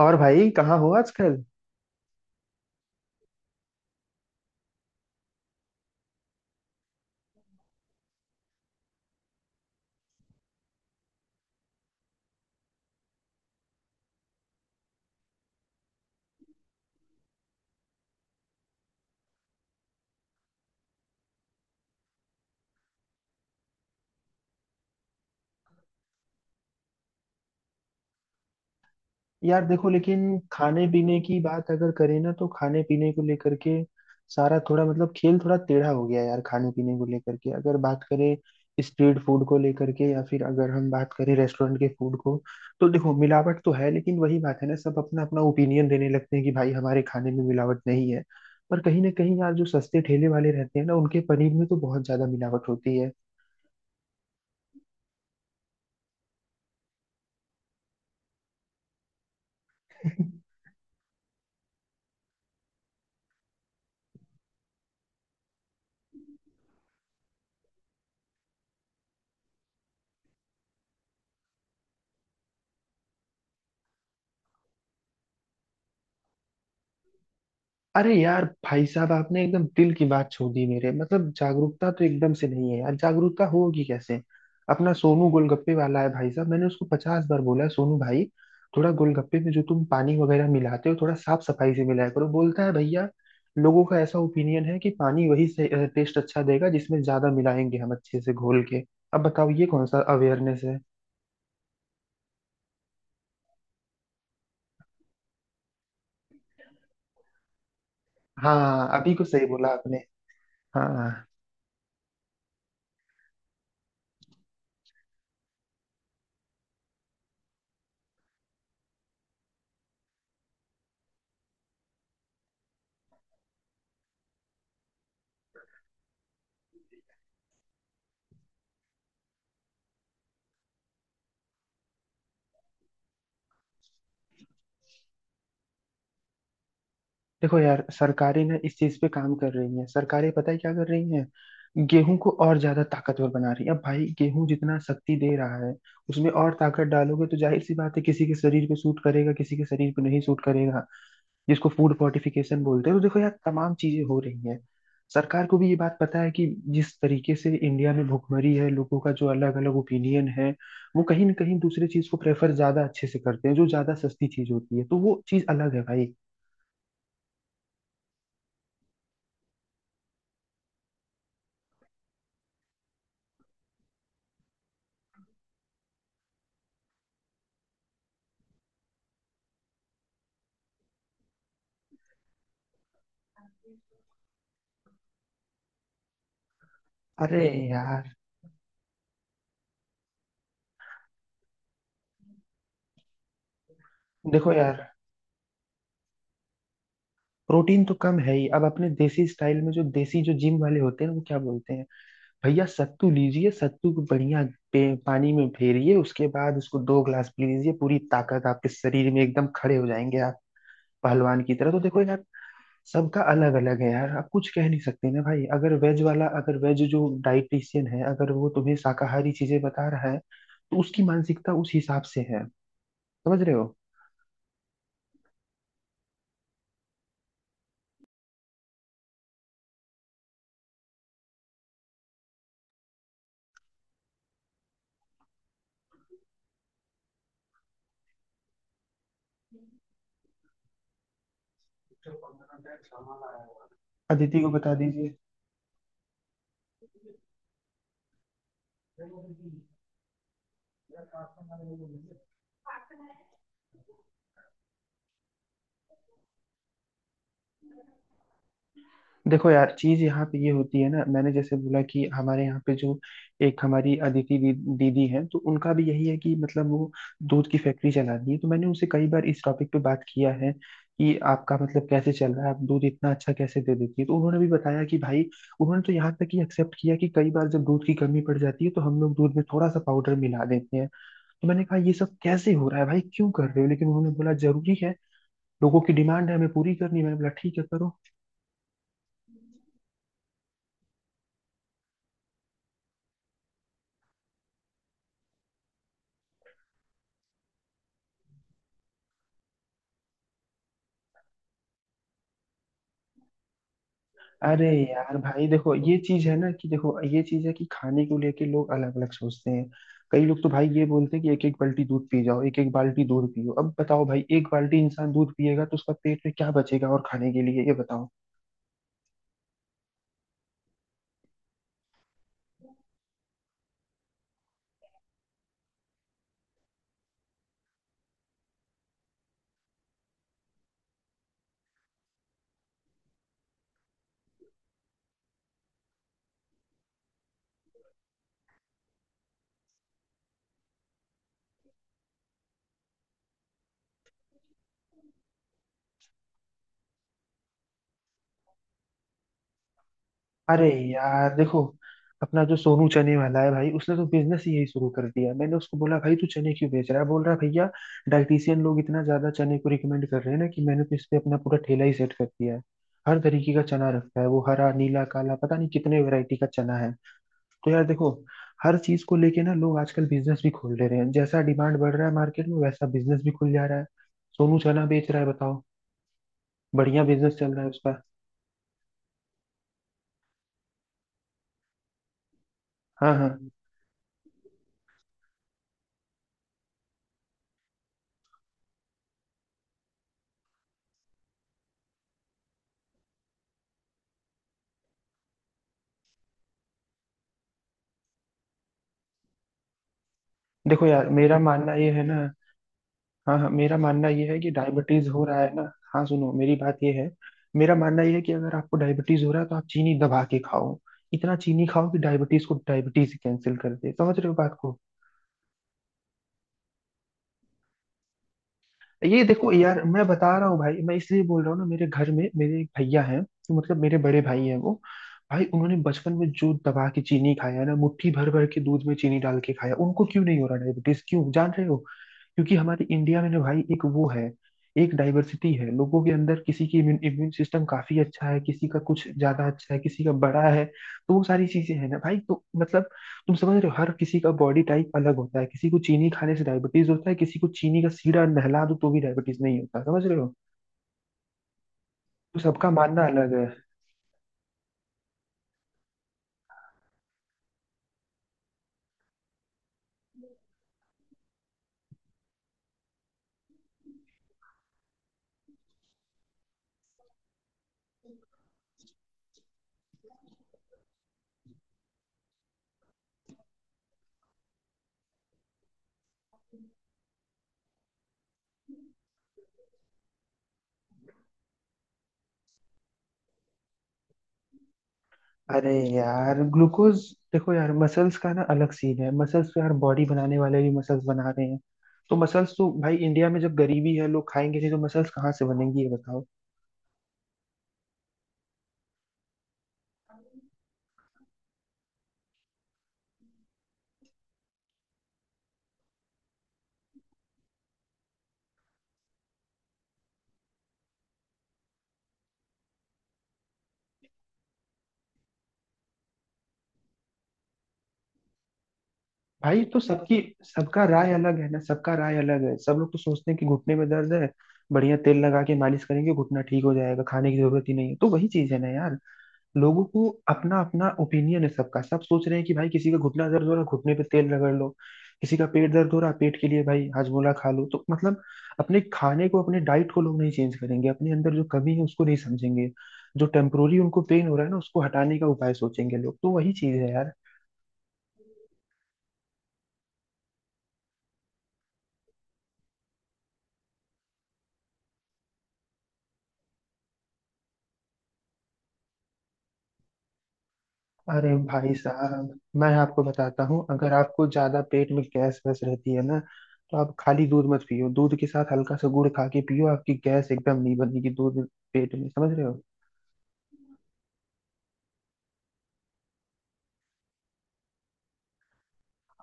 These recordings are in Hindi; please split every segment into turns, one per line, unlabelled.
और भाई कहाँ हो आजकल। यार देखो, लेकिन खाने पीने की बात अगर करें ना, तो खाने पीने को लेकर के सारा थोड़ा मतलब खेल थोड़ा टेढ़ा हो गया यार। खाने पीने को लेकर के अगर बात करें, स्ट्रीट फूड को लेकर के, या फिर अगर हम बात करें रेस्टोरेंट के फूड को, तो देखो मिलावट तो है। लेकिन वही बात है ना, सब अपना अपना ओपिनियन देने लगते हैं कि भाई हमारे खाने में मिलावट नहीं है। पर कहीं ना कहीं यार, जो सस्ते ठेले वाले रहते हैं ना, उनके पनीर में तो बहुत ज्यादा मिलावट होती है। अरे यार, भाई साहब आपने एकदम दिल की बात छू दी मेरे। मतलब जागरूकता तो एकदम से नहीं है यार, जागरूकता होगी कैसे। अपना सोनू गोलगप्पे वाला है भाई साहब, मैंने उसको 50 बार बोला है, सोनू भाई थोड़ा गोलगप्पे में जो तुम पानी वगैरह मिलाते हो थोड़ा साफ सफाई से मिलाया करो। बोलता है भैया, लोगों का ऐसा ओपिनियन है कि पानी वही से टेस्ट अच्छा देगा जिसमें ज्यादा मिलाएंगे हम अच्छे से घोल के। अब बताओ ये कौन सा अवेयरनेस है। हाँ, अभी को सही बोला आपने। हाँ। देखो यार, सरकारें ना इस चीज पे काम कर रही हैं। सरकारें पता है क्या कर रही हैं, गेहूं को और ज्यादा ताकतवर बना रही है। अब भाई गेहूं जितना शक्ति दे रहा है, उसमें और ताकत डालोगे तो जाहिर सी बात है, किसी के शरीर पे सूट करेगा किसी के शरीर पे नहीं सूट करेगा। जिसको फूड फोर्टिफिकेशन बोलते हैं। तो देखो यार तमाम चीजें हो रही हैं। सरकार को भी ये बात पता है कि जिस तरीके से इंडिया में भुखमरी है, लोगों का जो अलग अलग ओपिनियन है, वो कहीं ना कहीं दूसरे चीज को प्रेफर ज्यादा अच्छे से करते हैं, जो ज्यादा सस्ती चीज होती है। तो वो चीज अलग है भाई। अरे यार। देखो यार, प्रोटीन तो कम है ही। अब अपने देसी स्टाइल में जो देसी जो जिम वाले होते हैं वो क्या बोलते हैं, भैया सत्तू लीजिए, सत्तू को बढ़िया पानी में फेरिए, उसके बाद उसको 2 ग्लास पी लीजिए, पूरी ताकत आपके शरीर में, एकदम खड़े हो जाएंगे आप पहलवान की तरह। तो देखो यार सबका अलग अलग है यार, आप कुछ कह नहीं सकते ना भाई। अगर वेज वाला, अगर वेज जो डाइटिशियन है, अगर वो तुम्हें शाकाहारी चीजें बता रहा है, तो उसकी मानसिकता उस हिसाब से है, समझ रहे हो। अदिति को बता दीजिए। देखो यार चीज यहाँ पे ये होती है ना, मैंने जैसे बोला कि हमारे यहाँ पे जो एक हमारी अदिति दीदी हैं, तो उनका भी यही है कि मतलब वो दूध की फैक्ट्री चलाती है। तो मैंने उनसे कई बार इस टॉपिक पे बात किया है कि आपका मतलब कैसे चल रहा है, आप दूध इतना अच्छा कैसे दे देती है। तो उन्होंने भी बताया कि भाई, उन्होंने तो यहाँ तक कि एक्सेप्ट किया कि कई बार जब दूध की कमी पड़ जाती है तो हम लोग दूध में थोड़ा सा पाउडर मिला देते हैं। तो मैंने कहा ये सब कैसे हो रहा है भाई, क्यों कर रहे हो। लेकिन उन्होंने बोला जरूरी है, लोगों की डिमांड है हमें पूरी करनी है। मैंने बोला ठीक है करो। अरे यार भाई देखो ये चीज है ना, कि देखो ये चीज है कि खाने को लेके लोग अलग अलग सोचते हैं। कई लोग तो भाई ये बोलते हैं कि एक एक बाल्टी दूध पी जाओ, एक एक बाल्टी दूध पियो। अब बताओ भाई, एक बाल्टी इंसान दूध पिएगा तो उसका पेट में क्या बचेगा और खाने के लिए, ये बताओ। अरे यार देखो, अपना जो सोनू चने वाला है भाई, उसने तो बिजनेस ही यही शुरू कर दिया। मैंने उसको बोला भाई तू चने क्यों बेच रहा है, बोल रहा है भैया डाइटिशियन लोग इतना ज्यादा चने को रिकमेंड कर रहे हैं ना, कि मैंने तो इस पे अपना पूरा ठेला ही सेट कर दिया है। हर तरीके का चना रखता है वो, हरा नीला काला, पता नहीं कितने वैरायटी का चना है। तो यार देखो, हर चीज को लेके ना लोग आजकल बिजनेस भी खोल ले रहे हैं। जैसा डिमांड बढ़ रहा है मार्केट में वैसा बिजनेस भी खुल जा रहा है। सोनू चना बेच रहा है, बताओ। बढ़िया बिजनेस चल रहा है उसका। हाँ हाँ। देखो यार मेरा मानना ये है ना, हाँ हाँ, मेरा मानना ये है कि डायबिटीज हो रहा है ना। हाँ सुनो, मेरी बात ये है, मेरा मानना ये है कि अगर आपको डायबिटीज हो रहा है तो आप चीनी दबा के खाओ। इतना चीनी खाओ कि डायबिटीज को डायबिटीज कैंसिल कर दे, समझ रहे हो बात को। ये देखो यार, मैं बता रहा हूँ भाई, मैं इसलिए बोल रहा हूँ ना, मेरे घर में मेरे एक भैया हैं, तो मतलब मेरे बड़े भाई हैं वो। भाई उन्होंने बचपन में जो दबा के चीनी खाया ना, मुट्ठी भर भर के दूध में चीनी डाल के खाया, उनको क्यों नहीं हो रहा डायबिटीज, क्यों जान रहे हो? क्योंकि हमारे इंडिया में ना भाई, एक वो है, एक डाइवर्सिटी है लोगों के अंदर। किसी की इम्यून सिस्टम काफी अच्छा है, किसी का कुछ ज्यादा अच्छा है, किसी का बड़ा है, तो वो सारी चीजें हैं ना भाई, तो मतलब तुम समझ रहे हो हर किसी का बॉडी टाइप अलग होता है। किसी को चीनी खाने से डायबिटीज होता है, किसी को चीनी का सीधा नहला दो तो भी डायबिटीज नहीं होता, समझ रहे हो। तो सबका मानना अलग है। अरे यार ग्लूकोज। देखो यार मसल्स का ना अलग सीन है, मसल्स तो यार बॉडी बनाने वाले भी मसल्स बना रहे हैं। तो मसल्स तो भाई, इंडिया में जब गरीबी है, लोग खाएंगे नहीं तो मसल्स कहाँ से बनेंगी, ये बताओ। भाई तो सबकी सबका राय अलग है ना, सबका राय अलग है। सब लोग तो सोचते हैं कि घुटने में दर्द है, बढ़िया तेल लगा के मालिश करेंगे, घुटना ठीक हो जाएगा, खाने की जरूरत ही नहीं है। तो वही चीज है ना यार, लोगों को अपना अपना ओपिनियन है। सबका सब सोच रहे हैं कि भाई, किसी का घुटना दर्द हो रहा है, घुटने पे तेल रगड़ लो, किसी का पेट दर्द हो रहा है, पेट के लिए भाई हाजमोला खा लो। तो मतलब अपने खाने को, अपने डाइट को लोग नहीं चेंज करेंगे, अपने अंदर जो कमी है उसको नहीं समझेंगे, जो टेम्पोरी उनको पेन हो रहा है ना उसको हटाने का उपाय सोचेंगे लोग। तो वही चीज है यार। अरे भाई साहब मैं आपको बताता हूँ, अगर आपको ज्यादा पेट में गैस वैस रहती है ना, तो आप खाली दूध मत पियो, दूध के साथ हल्का सा गुड़ खा के पियो, आपकी गैस एकदम नहीं बनेगी दूध पेट में, समझ रहे हो।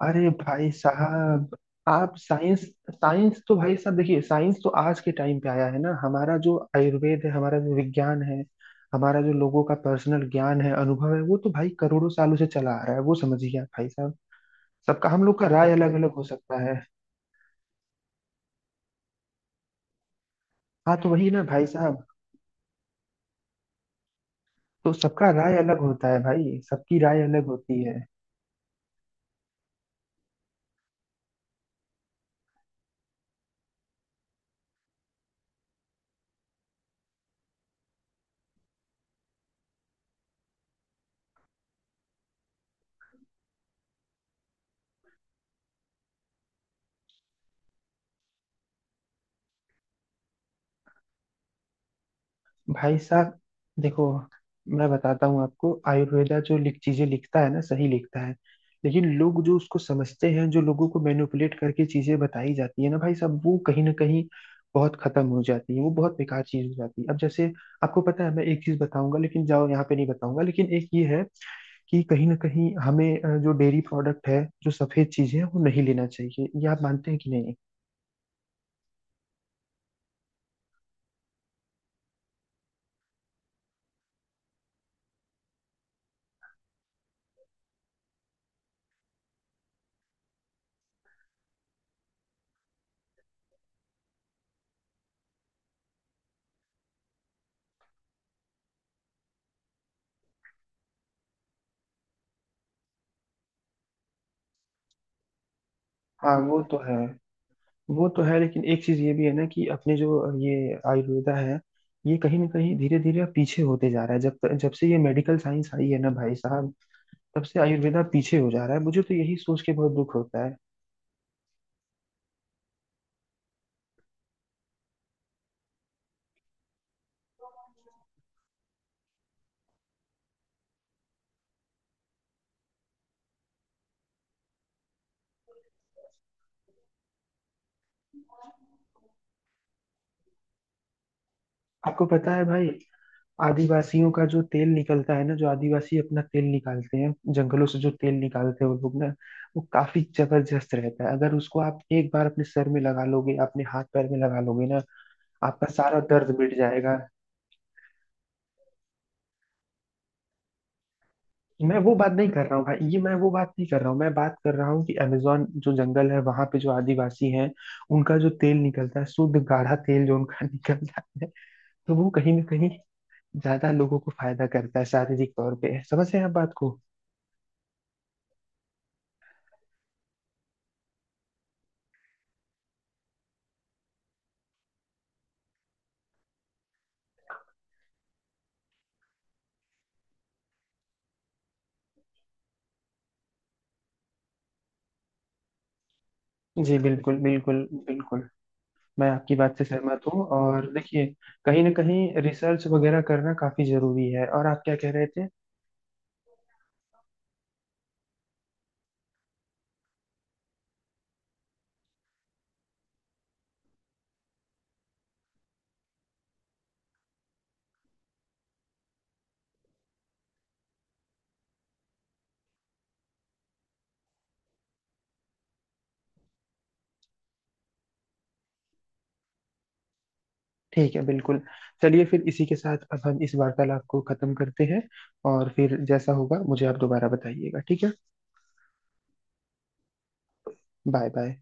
अरे भाई साहब, आप साइंस साइंस तो भाई साहब देखिए, साइंस तो आज के टाइम पे आया है ना। हमारा जो आयुर्वेद है, हमारा जो विज्ञान है, हमारा जो लोगों का पर्सनल ज्ञान है, अनुभव है, वो तो भाई करोड़ों सालों से चला आ रहा है, वो समझिए आप भाई साहब। सबका, हम लोग का राय अलग अलग हो सकता है। हाँ तो वही ना भाई साहब। तो सबका राय अलग होता है भाई सबकी राय अलग होती है। भाई साहब देखो, मैं बताता हूँ आपको, आयुर्वेदा जो लिख चीजें लिखता है ना, सही लिखता है। लेकिन लोग जो उसको समझते हैं, जो लोगों को मैनिपुलेट करके चीजें बताई जाती है ना भाई साहब, वो कहीं ना कहीं बहुत खत्म हो जाती है, वो बहुत बेकार चीज हो जाती है। अब जैसे, आपको पता है मैं एक चीज बताऊंगा लेकिन जाओ यहाँ पे नहीं बताऊंगा, लेकिन एक ये है कि कहीं ना कहीं हमें जो डेयरी प्रोडक्ट है, जो सफेद चीजें हैं, वो नहीं लेना चाहिए, ये आप मानते हैं कि नहीं। हाँ वो तो है, वो तो है। लेकिन एक चीज ये भी है ना कि अपने जो ये आयुर्वेदा है, ये कहीं ना कहीं धीरे धीरे अब पीछे होते जा रहा है। जब जब से ये मेडिकल साइंस आई है ना भाई साहब, तब से आयुर्वेदा पीछे हो जा रहा है, मुझे तो यही सोच के बहुत दुख होता है। आपको पता है भाई, आदिवासियों का जो तेल निकलता है ना, जो आदिवासी अपना तेल निकालते हैं, जंगलों से जो तेल निकालते हैं वो लोग ना, वो काफी जबरदस्त रहता है। अगर उसको आप एक बार अपने सर में लगा लोगे, अपने हाथ पैर में लगा लोगे ना, आपका सारा दर्द मिट जाएगा। मैं वो बात नहीं कर रहा हूँ भाई, ये मैं वो बात नहीं कर रहा हूँ। मैं बात कर रहा हूँ कि अमेजोन जो जंगल है वहां पे जो आदिवासी हैं, उनका जो तेल निकलता है, शुद्ध गाढ़ा तेल जो उनका निकलता है, तो वो कहीं ना कहीं ज्यादा लोगों को फायदा करता है शारीरिक तौर पे, समझ रहे हैं आप बात को। जी बिल्कुल बिल्कुल बिल्कुल। मैं आपकी बात से सहमत हूँ और देखिए कहीं ना कहीं रिसर्च वगैरह करना काफी जरूरी है। और आप क्या कह रहे थे? ठीक है बिल्कुल। चलिए फिर इसी के साथ अब हम इस वार्तालाप को खत्म करते हैं, और फिर जैसा होगा मुझे आप दोबारा बताइएगा, ठीक है। Bye bye.